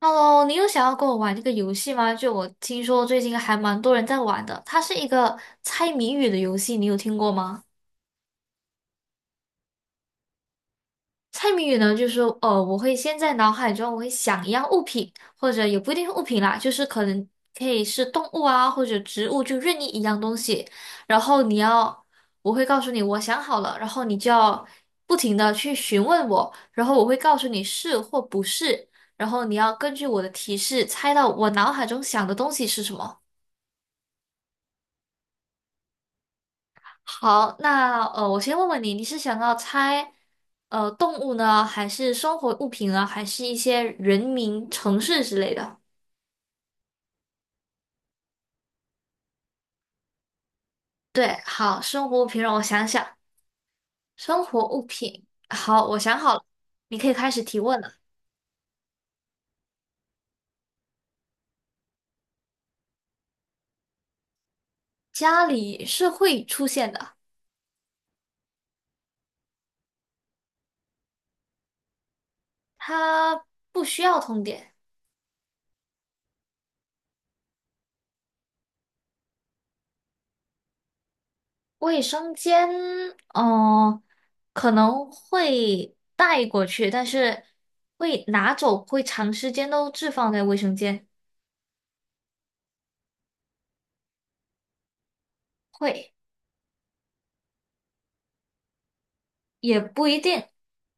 Hello，你有想要跟我玩这个游戏吗？就我听说最近还蛮多人在玩的，它是一个猜谜语的游戏，你有听过吗？猜谜语呢，就是说我会先在脑海中想一样物品，或者也不一定是物品啦，就是可以是动物啊，或者植物，就任意一样东西。然后你要，我会告诉你我想好了，然后你就要不停的去询问我，然后我会告诉你是或不是，然后你要根据我的提示猜到我脑海中想的东西是什么。好，那我先问问你，你是想要猜动物呢，还是生活物品呢，还是一些人名、城市之类的？对，好，生活物品让我想想，生活物品，好，我想好了，你可以开始提问了。家里是会出现的，它不需要通电。卫生间，嗯、可能会带过去，但是会拿走，会长时间都置放在卫生间。会。也不一定，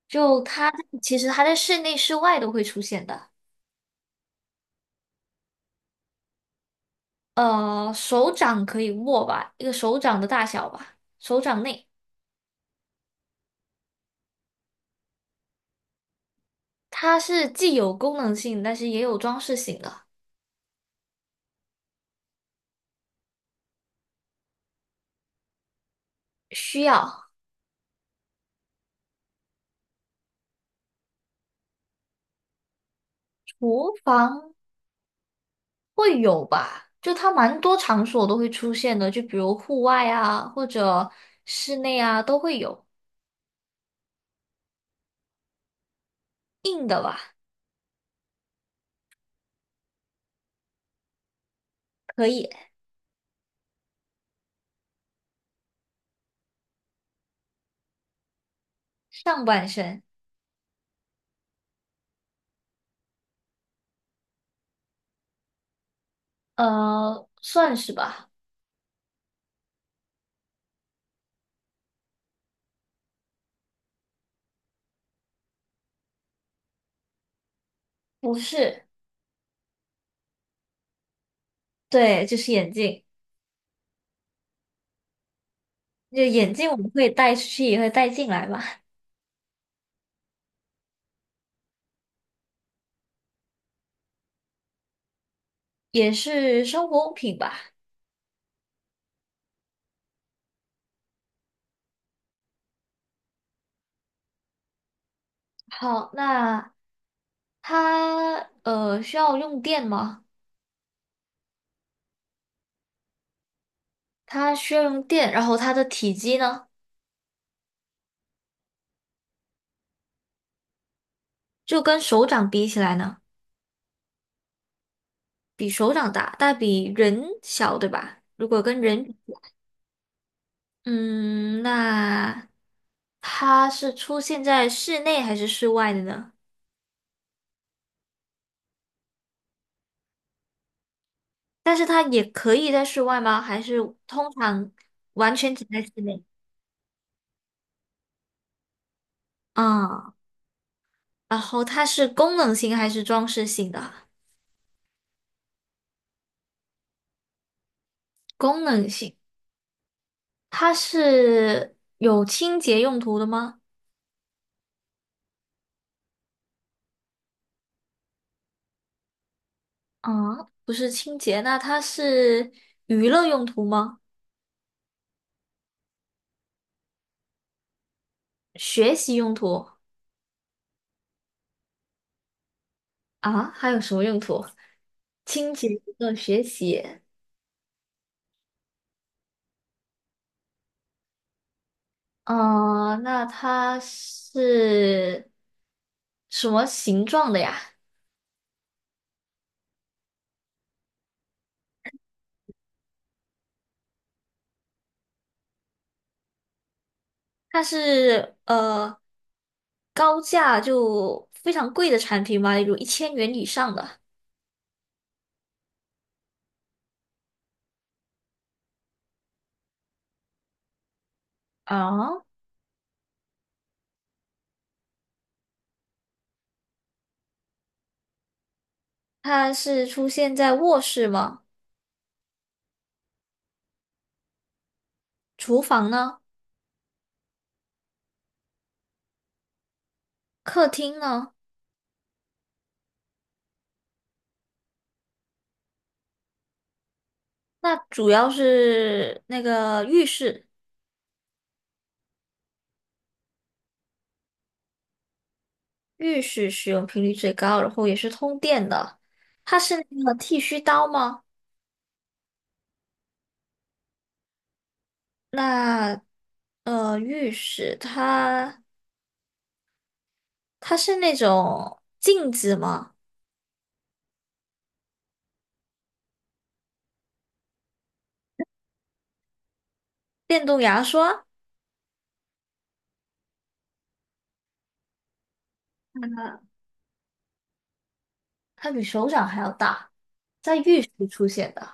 就它其实它在室内、室外都会出现的。呃，手掌可以握吧，一个手掌的大小吧，手掌内，它是既有功能性，但是也有装饰性的，需要。厨房会有吧，就它蛮多场所都会出现的，就比如户外啊，或者室内啊都会有。硬的吧，可以，上半身，呃，算是吧，不是，对，就是眼镜。就眼镜我们会带出去，也会带进来嘛，也是生活物品吧。好，那它需要用电吗？它需要用电，然后它的体积呢，就跟手掌比起来呢，比手掌大，但比人小，对吧？如果跟人比，嗯，那它是出现在室内还是室外的呢？但是它也可以在室外吗？还是通常完全只在室内？啊、然后它是功能性还是装饰性的啊功能性，它是有清洁用途的吗？啊，不是清洁，那它是娱乐用途吗？学习用途啊？还有什么用途？清洁、娱乐学习。嗯、那它是什么形状的呀？它是高价就非常贵的产品吗？有1000元以上的？啊？它是出现在卧室吗？厨房呢？客厅呢？那主要是那个浴室，浴室使用频率最高，然后也是通电的。它是那个剃须刀吗？那浴室它是那种镜子吗？电动牙刷，它比手掌还要大，在浴室出现的，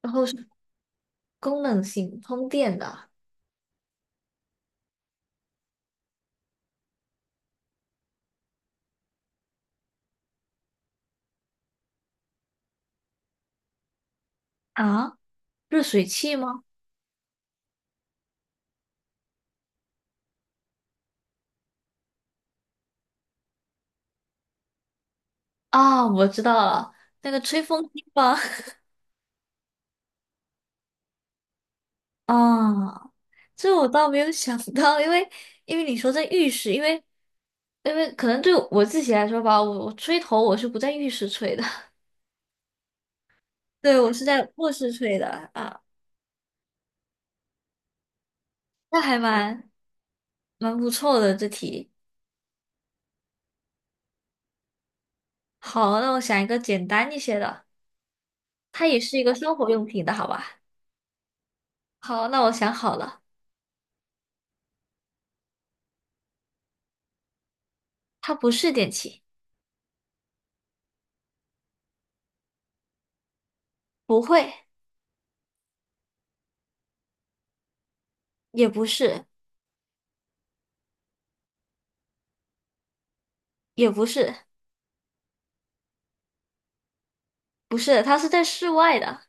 然后是功能性通电的啊，热水器吗？啊，我知道了，那个吹风机吧。啊，这我倒没有想到，因为你说在浴室，因为可能对我自己来说吧，我吹头我是不在浴室吹的，对，我是在卧室吹的啊，那蛮不错的这题。好，那我想一个简单一些的，它也是一个生活用品的，好吧？好，那我想好了，它不是电器，不会，也不是，也不是，不是，它是在室外的，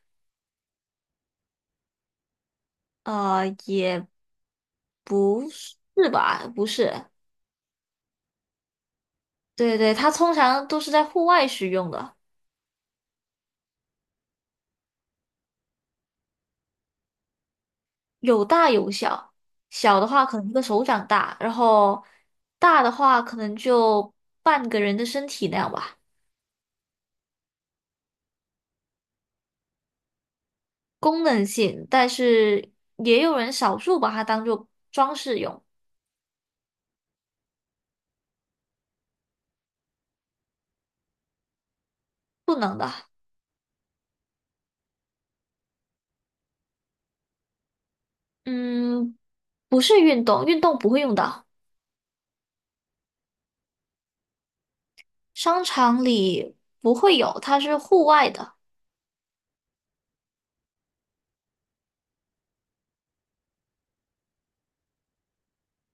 呃，也。不是吧？不是，对对，它通常都是在户外使用的，有大有小。小的话可能一个手掌大，然后大的话可能就半个人的身体那样吧。功能性，但是也有人少数把它当做装饰用，不能的。嗯，不是运动，运动不会用到，商场里不会有，它是户外的，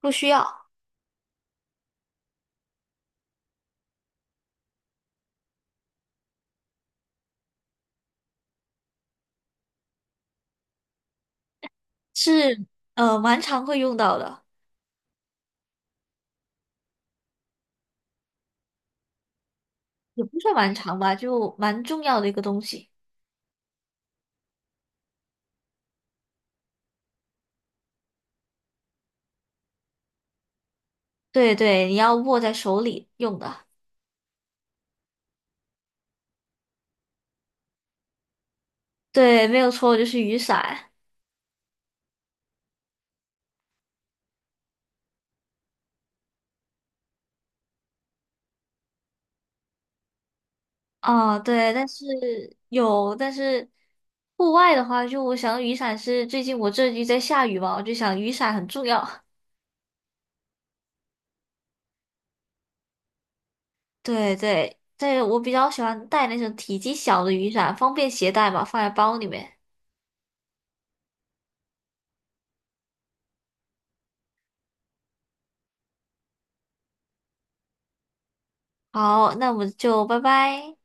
不需要，是蛮常会用到的。也不算蛮长吧，就蛮重要的一个东西。对对，你要握在手里用的。对，没有错，就是雨伞。哦，对，但是有，但是户外的话，就我想雨伞是最近我这里在下雨嘛，我就想雨伞很重要。对对对，我比较喜欢带那种体积小的雨伞，方便携带嘛，放在包里面。好，那我们就拜拜。